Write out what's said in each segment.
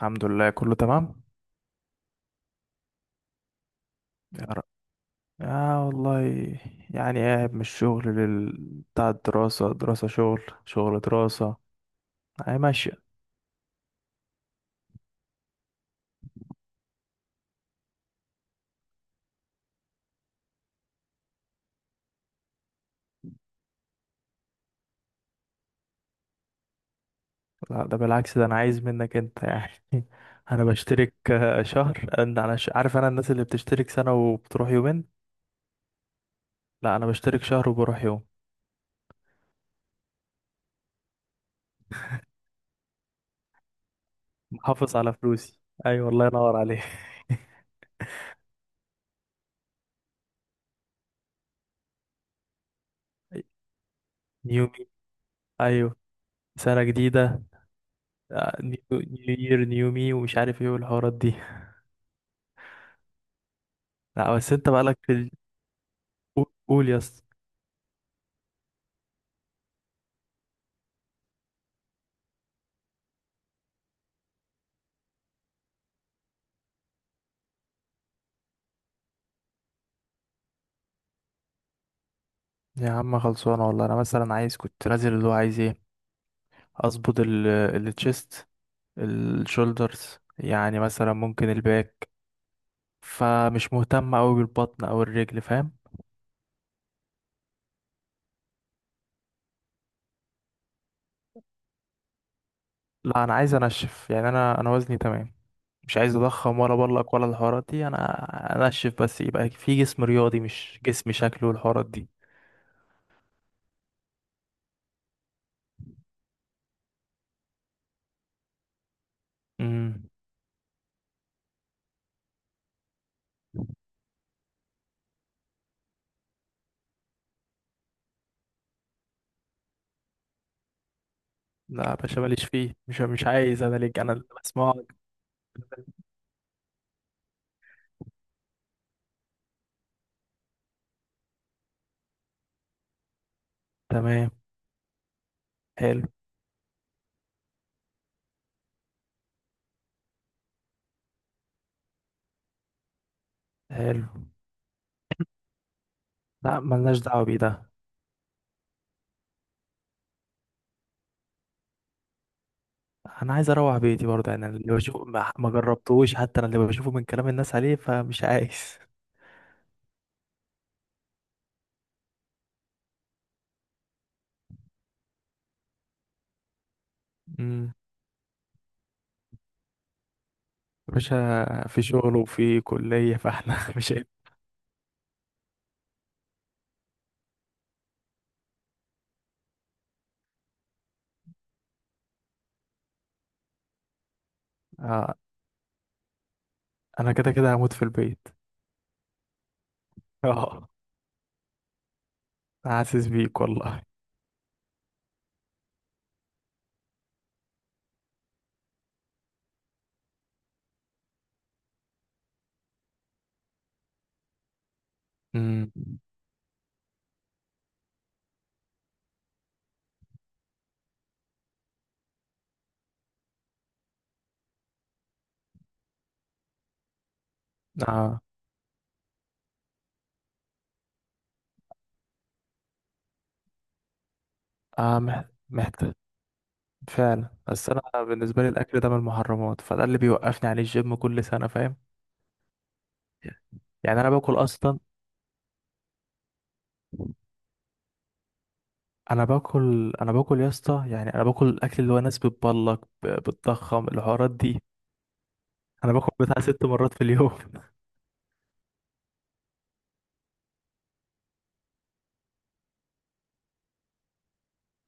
الحمد لله كله تمام. يا رب. آه والله. يعني قاعد من الشغل لل... بتاع الدراسة، دراسة شغل شغل دراسة. هي ماشية. لا ده بالعكس، ده أنا عايز منك أنت يعني أنا بشترك آه، شهر. أنا عارف أنا الناس اللي بتشترك سنة وبتروح يومين. لا أنا بشترك شهر وبروح يوم. محافظ على فلوسي. أيوة الله ينور عليك. نيومي. أيوة. سنة جديدة. آه، نيو نيو يير نيو مي ومش عارف ايه والحوارات دي. لا بس انت بقالك في ال... قول قول يا اسطى. يا عم خلصانه والله، انا مثلا عايز كنت نازل اللي هو عايز ايه، اظبط التشيست، الشولدرز، يعني مثلا ممكن الباك، فمش مهتم قوي بالبطن او الرجل، فاهم. لا انا عايز انشف، يعني انا وزني تمام، مش عايز اضخم ولا بلق ولا الحوارات دي، انا انشف بس يبقى في جسم رياضي مش جسم شكله والحوارات دي. امم لا يا باشا ماليش فيه، مش عايز، انا ليك انا اللي بسمعك. تمام. حلو. حلو. لا ملناش دعوه بيه ده. انا عايز اروح بيتي برضه، يعني أنا اللي بشوفه، ما جربتوش، حتى انا اللي بشوفه من كلام الناس عليه، فمش عايز. امم يا باشا في شغل وفي كليه، فاحنا مش هينفع. آه. انا كده كده هموت في البيت. اه حاسس بيك والله. امم. اه. اه محتاج فعلا، بس انا بالنسبه لي الاكل ده من المحرمات، فده اللي بيوقفني عليه الجيم كل سنه، فاهم. يعني انا باكل اصلا. انا باكل يا اسطى، يعني انا باكل الاكل اللي هو ناس بتبلك بتضخم الحوارات دي. انا باكل بتاع 6 مرات في اليوم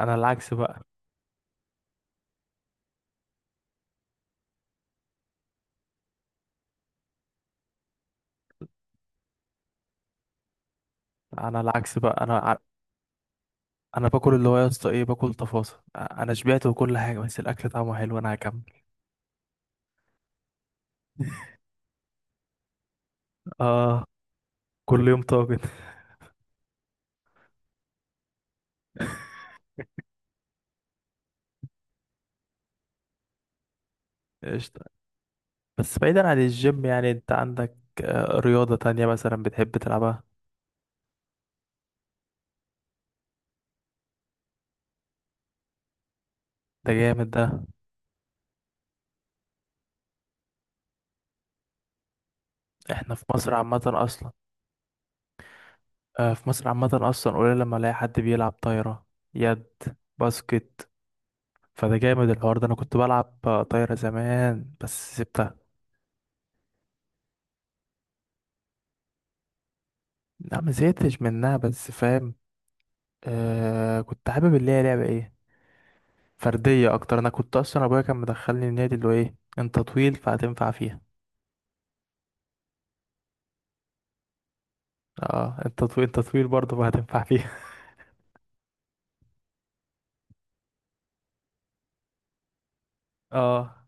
انا العكس بقى انا العكس بقى، انا باكل اللي هو يا اسطى ايه، باكل تفاصيل، انا شبعت وكل حاجه، بس الاكل طعمه حلو انا هكمل. اه. كل يوم طاجن قشطه. بس بعيدا عن الجيم، يعني انت عندك آه، رياضه تانية مثلا بتحب تلعبها؟ ده جامد ده. احنا في مصر عامه اصلا، آه، في مصر عامة أصلا قليل لما ألاقي حد بيلعب طايرة، يد، باسكت. فده جامد الحوار ده، أنا كنت بلعب آه، طايرة زمان بس سبتها. لا ما زهقتش منها بس فاهم، آه، كنت حابب اللي هي لعبة ايه، فردية أكتر. أنا كنت أصلا أبويا كان مدخلني النادي اللي هو ايه، أنت طويل فهتنفع فيها. اه أنت طويل، أنت طويل برضه فهتنفع فيها اه.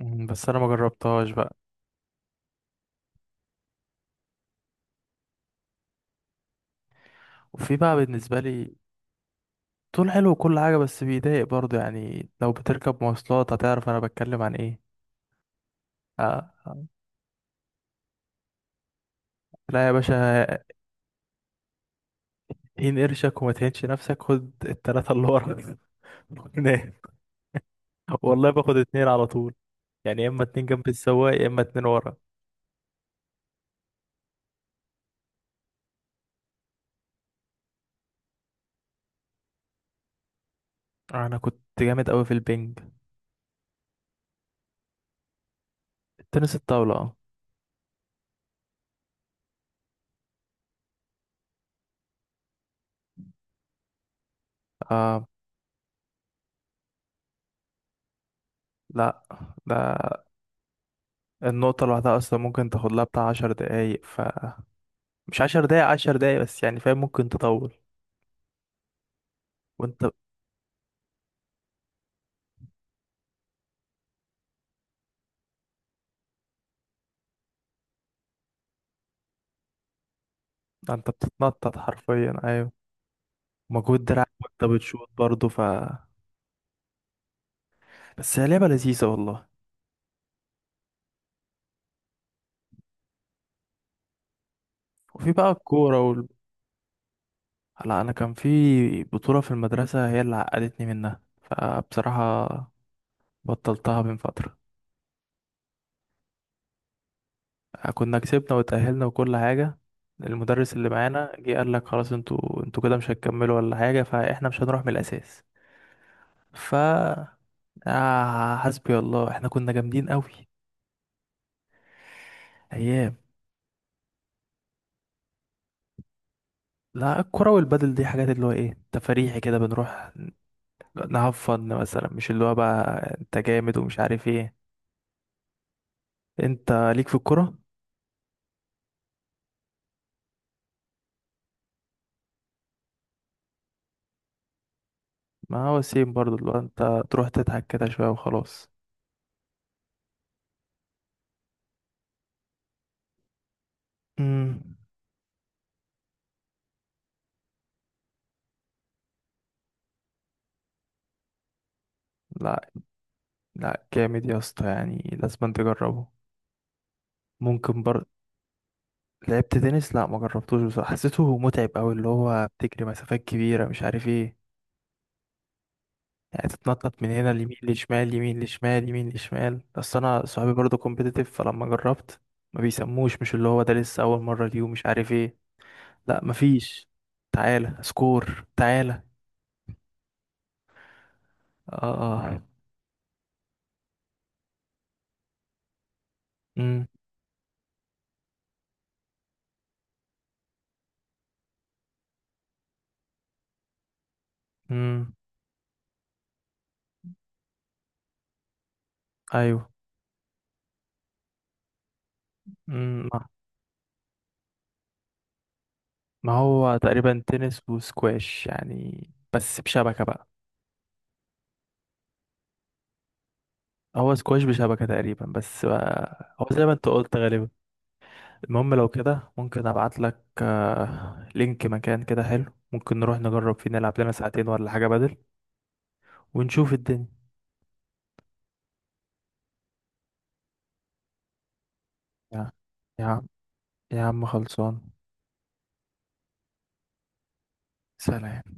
مم، بس أنا ما جربتهاش بقى. وفي بقى بالنسبة لي، طول حلو وكل حاجة بس بيضايق برضه، يعني لو بتركب مواصلات هتعرف أنا بتكلم عن ايه. آه. آه. لا يا باشا، تهين قرشك وما تهينش نفسك، خد التلاتة اللي ورا نام. والله باخد اتنين على طول، يعني يا اما اتنين جنب السواق يا اما اتنين ورا. انا كنت جامد قوي في البنج. التنس الطاولة، اه. آه، لا ده النقطة لوحدها أصلا ممكن تاخد لها بتاع 10 دقايق، ف مش عشر دقايق 10 دقايق بس يعني، فاهم، ممكن تطول. وانت انت بتتنطط حرفيا، ايوه. مجهود دراعك وانت بتشوط برضه، ف بس هي لعبة لذيذة والله. وفي بقى الكورة. لا انا كان في بطولة في المدرسة، هي اللي عقدتني منها، فبصراحة بطلتها من فترة. كنا كسبنا وتأهلنا وكل حاجة، المدرس اللي معانا جه قال لك خلاص انتوا، كده مش هتكملوا ولا حاجة، فاحنا مش هنروح من الأساس. ف آه حسبي الله، احنا كنا جامدين قوي، ايام. لا الكرة والبدل دي حاجات اللي هو ايه، تفريحي كده، بنروح نهفن مثلا، مش اللي هو بقى انت جامد ومش عارف ايه. انت ليك في الكرة. ما هو سيم برضو، اللي هو انت تروح تضحك كده شوية وخلاص. امم. لا، لا جامد يا اسطى، يعني لازم انت تجربه. ممكن برضه. لعبت تنس، لا ما جربتوش بصراحة، حسيته متعب قوي، اللي هو بتجري مسافات كبيرة مش عارف ايه، يعني تتنطط من هنا اليمين لشمال، يمين لشمال، يمين لشمال، بس انا صحابي برضه كومبيتيتيف، فلما جربت ما بيسموش، مش اللي هو ده لسه اول مرة ليه ومش عارف ايه. لا مفيش. تعالى سكور تعالى. اه. اه. امم. امم. ايوه. مم. ما هو تقريبا تنس وسكواش يعني، بس بشبكة بقى. هو سكواش بشبكة تقريبا، بس بقى هو زي ما انت قلت غالبا. المهم لو كده ممكن ابعت لك آه، لينك مكان كده حلو، ممكن نروح نجرب فيه، نلعب لنا ساعتين ولا حاجة بدل ونشوف الدنيا. يا، يا عم، يا عم خلصان. سلام.